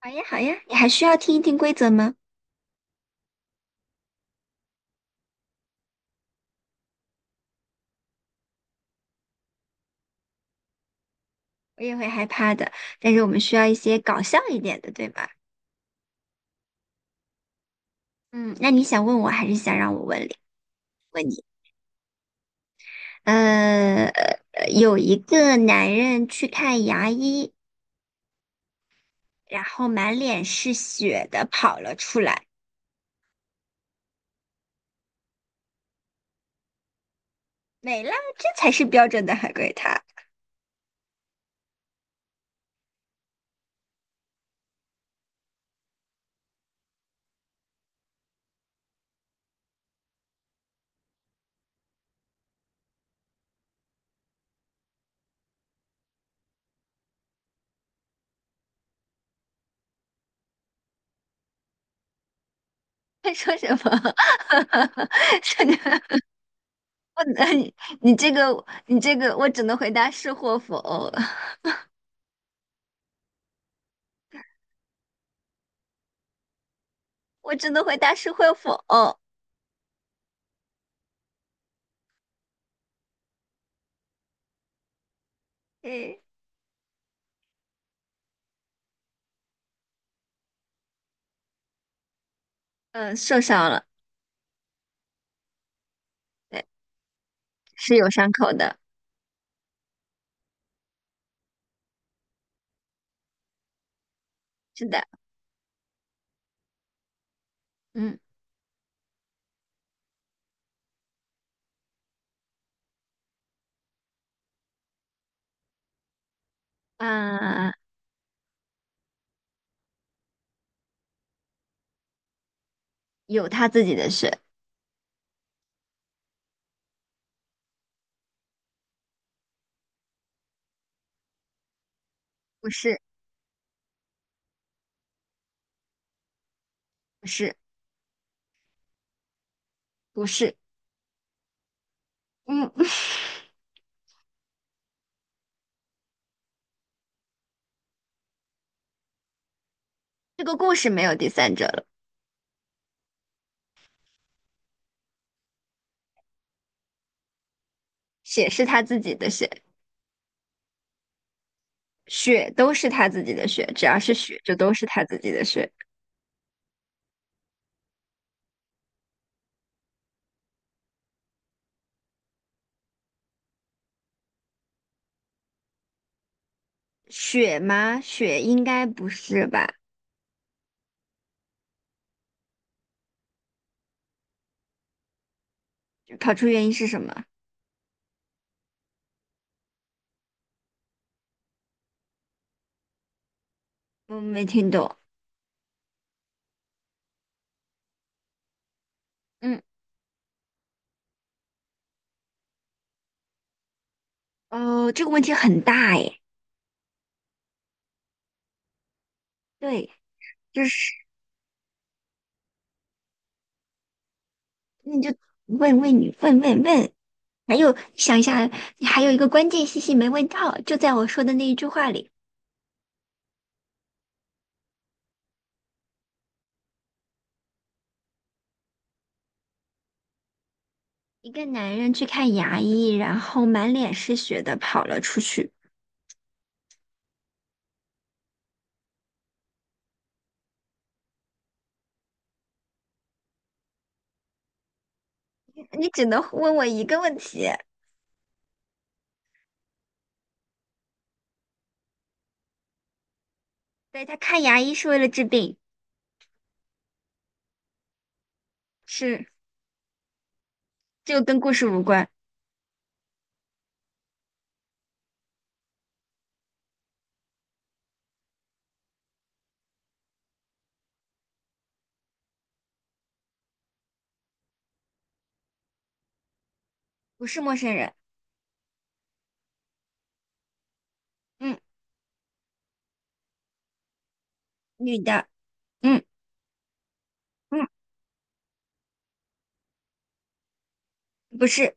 好呀，好呀，你还需要听一听规则吗？我也会害怕的，但是我们需要一些搞笑一点的，对吧？嗯，那你想问我，还是想让我问你？问你，呃，有一个男人去看牙医，然后满脸是血的跑了出来，没了，这才是标准的海龟汤。他说什么？这个，我，你你这个，你这个，我只能回答是或否，我只能回答是或否。哎。嗯，受伤了，对，是有伤口的，是的，嗯啊，有他自己的血，不是，不是，不是，嗯，这个故事没有第三者了，血是他自己的血，血都是他自己的血，只要是血就都是他自己的血，血吗？血应该不是吧？跑出原因是什么？我没听懂，嗯，哦，这个问题很大诶，对，就是那你问问你，问问问，还有想一下，还有一个关键信息没问到，就在我说的那一句话里，一个男人去看牙医，然后满脸是血的跑了出去。你只能问我一个问题，对，他看牙医是为了治病，是，这个跟故事无关，不是陌生人，嗯，女的，嗯嗯，不是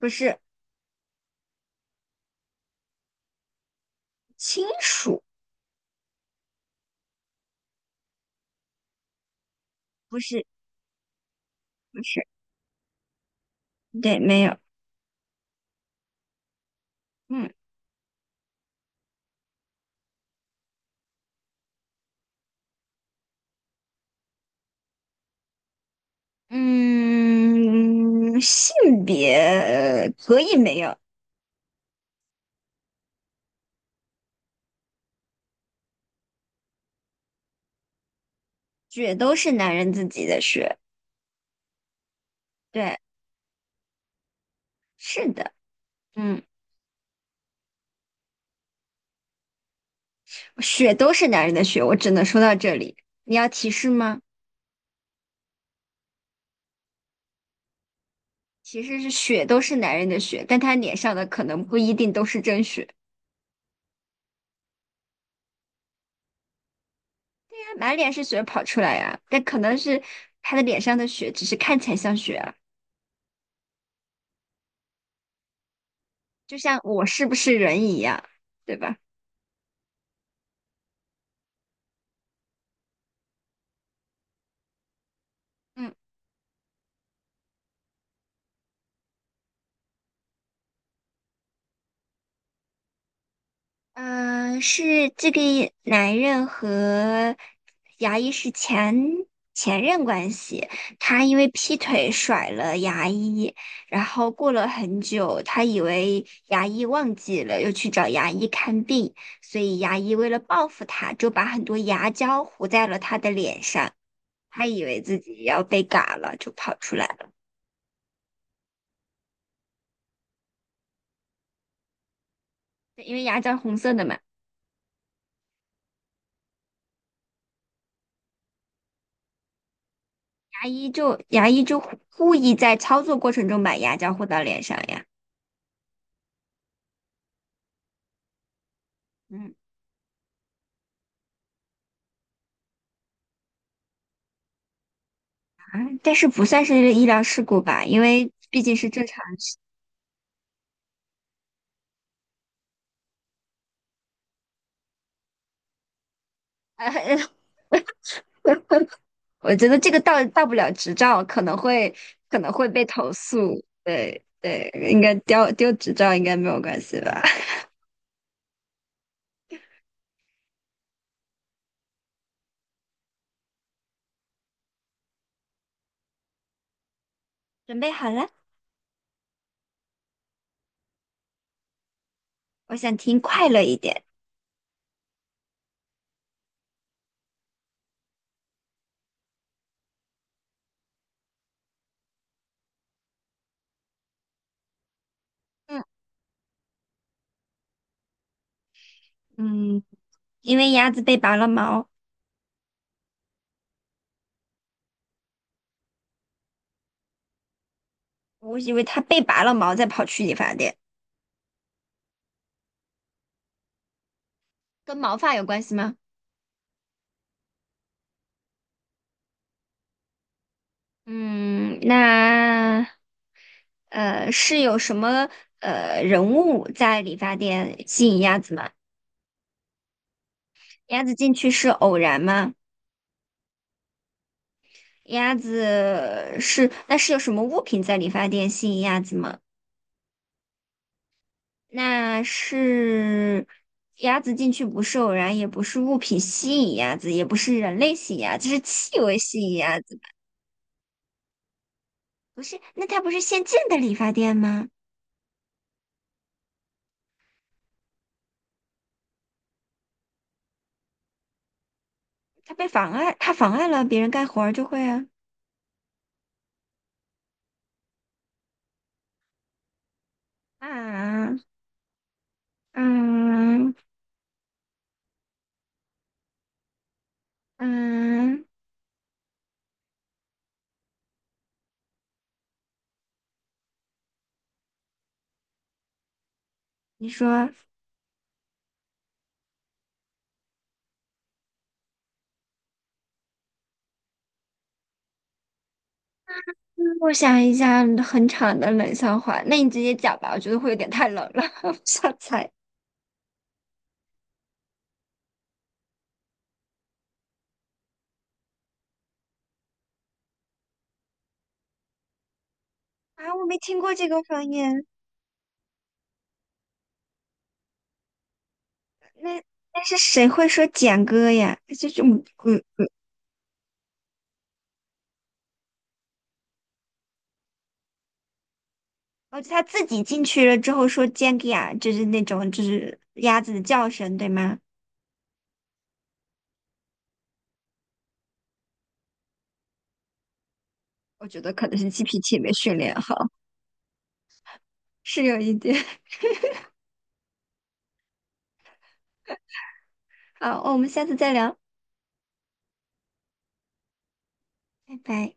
不是亲属，不是不是，对，没有，嗯嗯，性别可以没有。血都是男人自己的血，对，是的，嗯，血都是男人的血，我只能说到这里。你要提示吗？其实是血都是男人的血，但他脸上的可能不一定都是真血，对呀满脸是血跑出来呀、但可能是他的脸上的血只是看起来像血啊，就像我是不是人一样，对吧？嗯。嗯，是这个男人和牙医是前任关系，他因为劈腿甩了牙医，然后过了很久，他以为牙医忘记了，又去找牙医看病，所以牙医为了报复他，就把很多牙胶糊在了他的脸上，他以为自己要被嘎了，就跑出来了，因为牙胶红色的嘛，牙医就故意在操作过程中把牙胶糊到脸上呀。嗯。啊，但是不算是医疗事故吧，因为毕竟是正常。我觉得这个到不了执照，可能会被投诉。对对，应该丢执照应该没有关系吧？准备好了，我想听快乐一点。嗯嗯，因为鸭子被拔了毛，我以为它被拔了毛再跑去理发店，跟毛发有关系吗？嗯，那是有什么人物在理发店吸引鸭子吗？鸭子进去是偶然吗？鸭子是，那是有什么物品在理发店吸引鸭子吗？那是鸭子进去不是偶然，也不是物品吸引鸭子，也不是人类吸引鸭子，是气味吸引鸭子。不是，那它不是现进的理发店吗？它被妨碍，它妨碍了别人干活儿就会啊啊嗯嗯，你说。嗯我想一下，很长的冷笑话，那你直接讲吧，我觉得会有点太冷了，我不想猜。啊，我没听过这个方言，那那是谁会说简哥呀？这种嗯，哦，他自己进去了之后说 j 简哥呀，就是那种就是鸭子的叫声，对吗？我觉得可能是 GPT 没训练好，是有一点。好，我们下次再聊，拜拜。